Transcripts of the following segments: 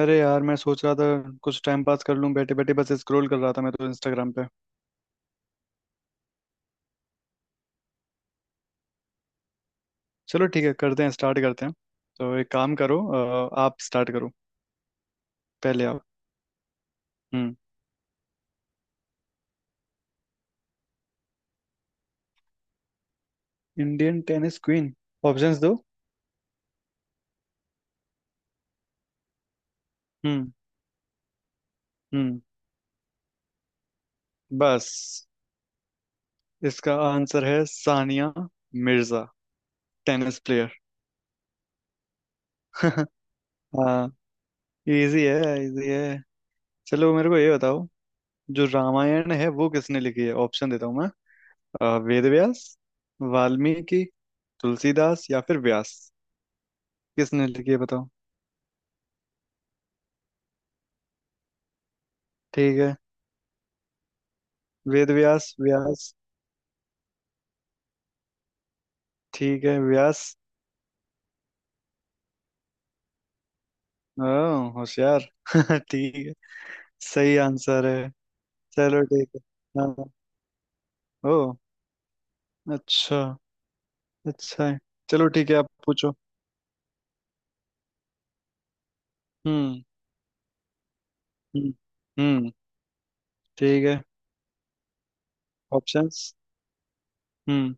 अरे यार, मैं सोच रहा था कुछ टाइम पास कर लूं। बैठे बैठे बस स्क्रॉल कर रहा था मैं तो इंस्टाग्राम पे। चलो ठीक है, करते हैं, स्टार्ट करते हैं। तो एक काम करो, आप स्टार्ट करो, पहले आप। हम्म। Indian tennis queen. ऑप्शंस दो। हम्म। हम्म। बस। इसका आंसर है सानिया मिर्जा, टेनिस प्लेयर। हाँ, इजी है इजी है। चलो मेरे को ये बताओ, जो रामायण है वो किसने लिखी है। ऑप्शन देता हूँ मैं। वेद व्यास, वाल्मीकि, तुलसीदास या फिर व्यास। किसने लिखी है बताओ। ठीक है, वेद व्यास व्यास। ठीक है, व्यास। ओ, होशियार ठीक है, सही आंसर है। चलो ठीक है। हाँ। ओ, अच्छा। अच्छा है। चलो ठीक है, आप पूछो। हम्म। हम्म। हम्म। ठीक है। ऑप्शंस। हम्म।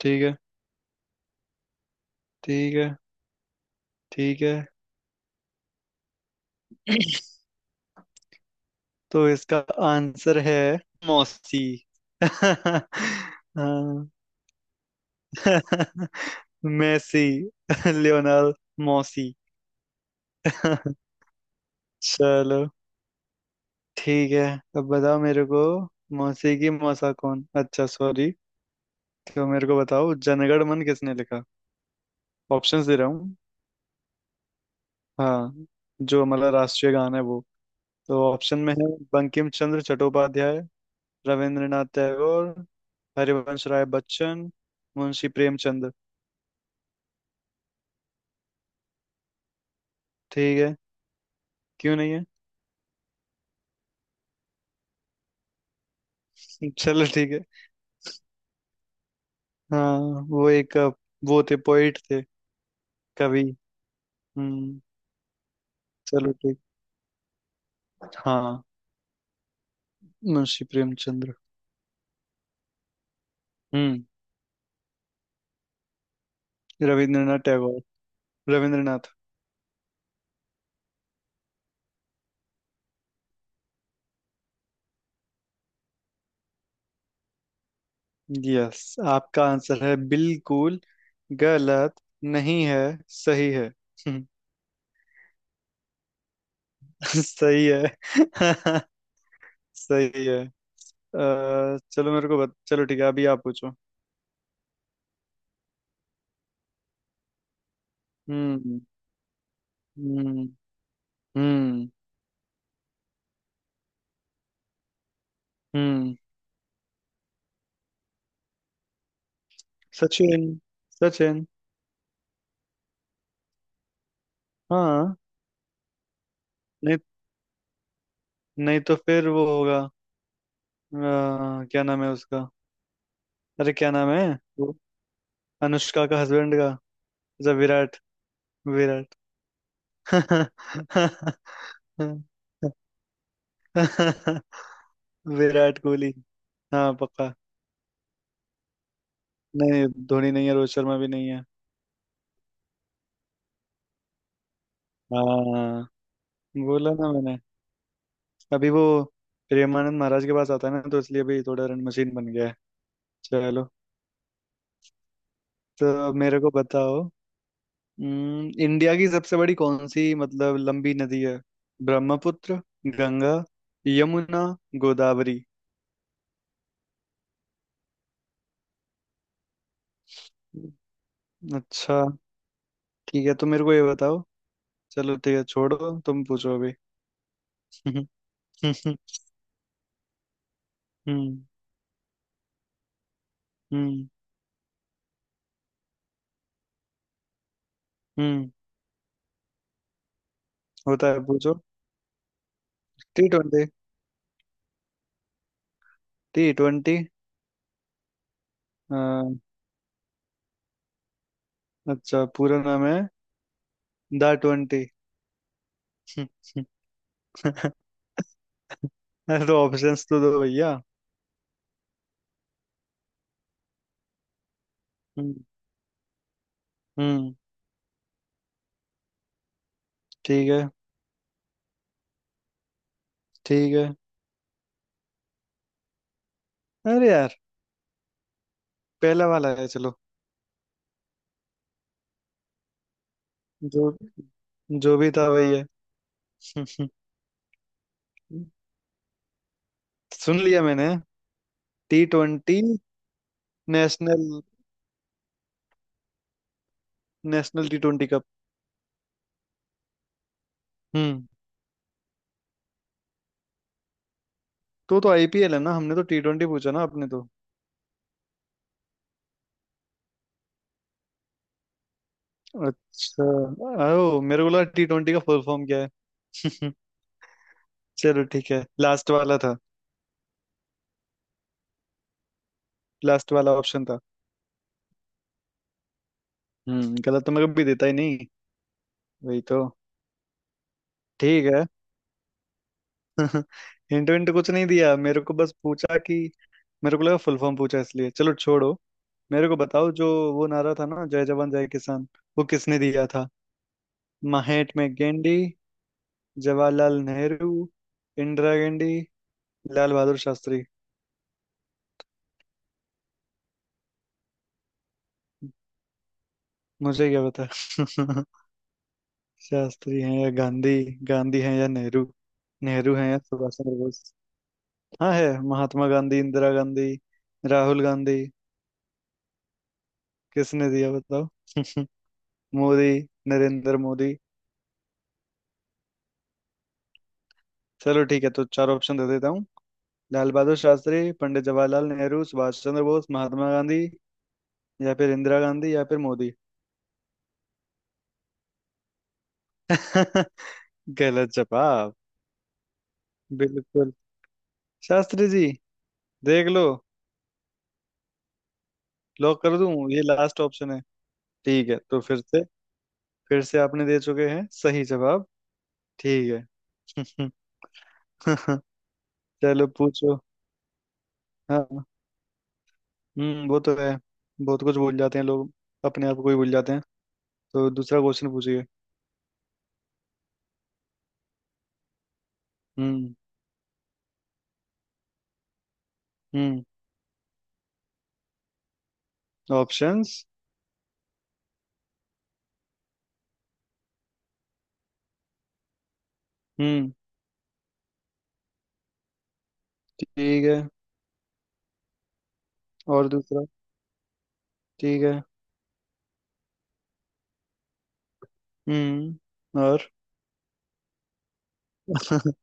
ठीक है। ठीक है। ठीक है। तो इसका आंसर है मौसी हाँ मैसी, लियोनार्ड मौसी चलो ठीक है। अब बताओ मेरे को मौसी की मौसा कौन। अच्छा, सॉरी। तो मेरे को बताओ, जनगण मन किसने लिखा। ऑप्शंस दे रहा हूँ। हाँ, जो हमारा राष्ट्रीय गान है वो। तो ऑप्शन में है बंकिम चंद्र चट्टोपाध्याय, रविंद्रनाथ टैगोर, हरिवंश राय बच्चन, मुंशी प्रेमचंद। ठीक है, क्यों नहीं है। चलो ठीक है। हाँ, वो एक वो थे, पोइट थे, कवि। हम्म। चलो, ठीक। हाँ। मुंशी प्रेमचंद्र। हम्म। रविंद्रनाथ टैगोर, रविंद्रनाथ। यस, आपका आंसर है बिल्कुल गलत नहीं है, सही है। हम्म, सही है सही है। चलो, चलो ठीक है, अभी आप पूछो। हम्म। हम्म। हम्म। हम्म। सचिन, सचिन। हाँ। नहीं, नहीं तो फिर वो होगा क्या नाम है उसका, अरे क्या नाम है। वो अनुष्का का हस्बैंड का। अच्छा, विराट। विराट विराट कोहली। हाँ, पक्का। नहीं, धोनी नहीं है, रोहित शर्मा भी नहीं है। हाँ। बोला ना मैंने। अभी वो प्रेमानंद महाराज के पास आता है ना, तो इसलिए अभी थोड़ा रन मशीन बन गया है। चलो। तो मेरे को बताओ, इंडिया की सबसे बड़ी, कौन सी, मतलब, लंबी नदी है। ब्रह्मपुत्र, गंगा, यमुना, गोदावरी। अच्छा, ठीक है, तो मेरे को ये बताओ। चलो ठीक है, छोड़ो, तुम पूछो अभी हम्म। हम्म। हम्म, होता है, पूछो। T twenty, T twenty. अच्छा, पूरा नाम है द ट्वेंटी अरे तो ऑप्शंस तो दो भैया। हम्म। हम्म, ठीक है। ठीक है। अरे यार, पहला वाला है, चलो। जो जो भी था वही है सुन लिया मैंने। T twenty. National national T twenty cup. हम्म। तो आईपीएल है ना, हमने तो टी ट्वेंटी पूछा ना आपने तो। अच्छा, ओ, मेरे को लगा टी ट्वेंटी का फुल फॉर्म क्या है चलो ठीक है, लास्ट वाला था। लास्ट वाला ऑप्शन था। हम्म, गलत तो मैं कभी देता ही नहीं, वही तो। ठीक है हिंट विंट कुछ नहीं दिया मेरे को, बस पूछा कि मेरे को लगा फुल फॉर्म पूछा, इसलिए चलो छोड़ो। मेरे को बताओ, जो वो नारा था ना, जय जवान जय किसान, वो किसने दिया था। महात्मा में गांधी, जवाहरलाल नेहरू, इंदिरा गांधी, लाल बहादुर शास्त्री। मुझे क्या पता शास्त्री हैं या गांधी, गांधी हैं या नेहरू, नेहरू हैं या सुभाष चंद्र बोस। हाँ, है महात्मा गांधी, इंदिरा गांधी, राहुल गांधी। किसने दिया बताओ मोदी, नरेंद्र मोदी। चलो ठीक है, तो चार ऑप्शन दे देता हूँ। लाल बहादुर शास्त्री, पंडित जवाहरलाल नेहरू, सुभाष चंद्र बोस, महात्मा गांधी या फिर इंदिरा गांधी या फिर मोदी। गलत जवाब। बिल्कुल शास्त्री जी। देख लो, लॉक कर दूं, ये लास्ट ऑप्शन है। ठीक है, तो फिर से, फिर से आपने दे चुके हैं सही जवाब। ठीक है चलो पूछो। हाँ। हम्म, वो तो है, बहुत कुछ भूल जाते हैं लोग, अपने आप को ही भूल जाते हैं। तो दूसरा क्वेश्चन पूछिए। हम्म। हम्म। ऑप्शंस। हम्म। ठीक है। और दूसरा। ठीक है। हम्म, और?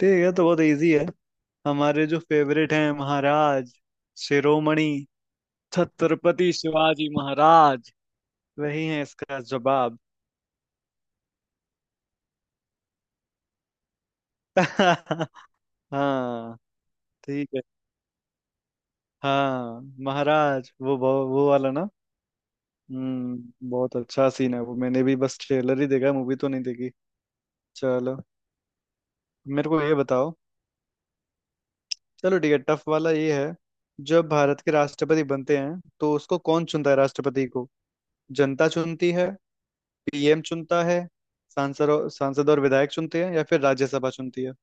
ठीक है, तो बहुत इजी है। हमारे जो फेवरेट हैं, महाराज शिरोमणि छत्रपति शिवाजी महाराज, वही है इसका जवाब। हाँ। ठीक है। हाँ, महाराज, वो वाला ना। हम्म, बहुत अच्छा सीन है वो, मैंने भी बस ट्रेलर ही देखा है, मूवी तो नहीं देखी। चलो, मेरे को ये बताओ। चलो ठीक है, टफ वाला ये है। जब भारत के राष्ट्रपति बनते हैं, तो उसको कौन चुनता है, राष्ट्रपति को? जनता चुनती है, पीएम चुनता है, सांसद और विधायक चुनते हैं, या फिर राज्यसभा चुनती है।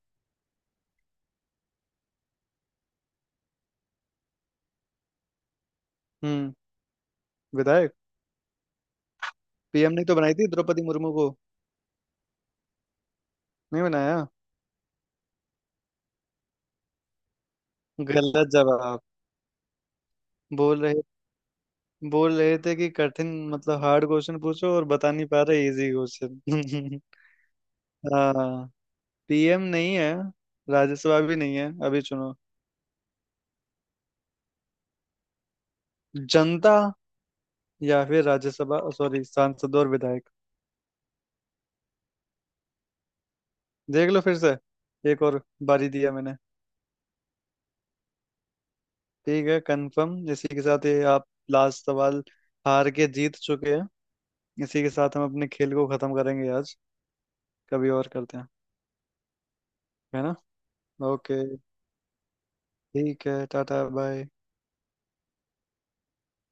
हम्म। विधायक। पीएम ने तो बनाई थी द्रौपदी मुर्मू को। नहीं बनाया। गलत जवाब। बोल रहे बोल रहे थे कि कठिन, मतलब हार्ड क्वेश्चन पूछो, और बता नहीं पा रहे इजी क्वेश्चन हाँ, पीएम नहीं है, राज्यसभा भी नहीं है, अभी चुनो। जनता या फिर राज्यसभा, सॉरी, सांसद और विधायक। देख लो फिर से, एक और बारी दिया मैंने। ठीक है, कंफर्म इसी के साथ ये आप। लास्ट सवाल, हार के जीत चुके हैं। इसी के साथ हम अपने खेल को खत्म करेंगे आज। कभी और करते हैं, है ना? ओके, ठीक है, टाटा, बाय।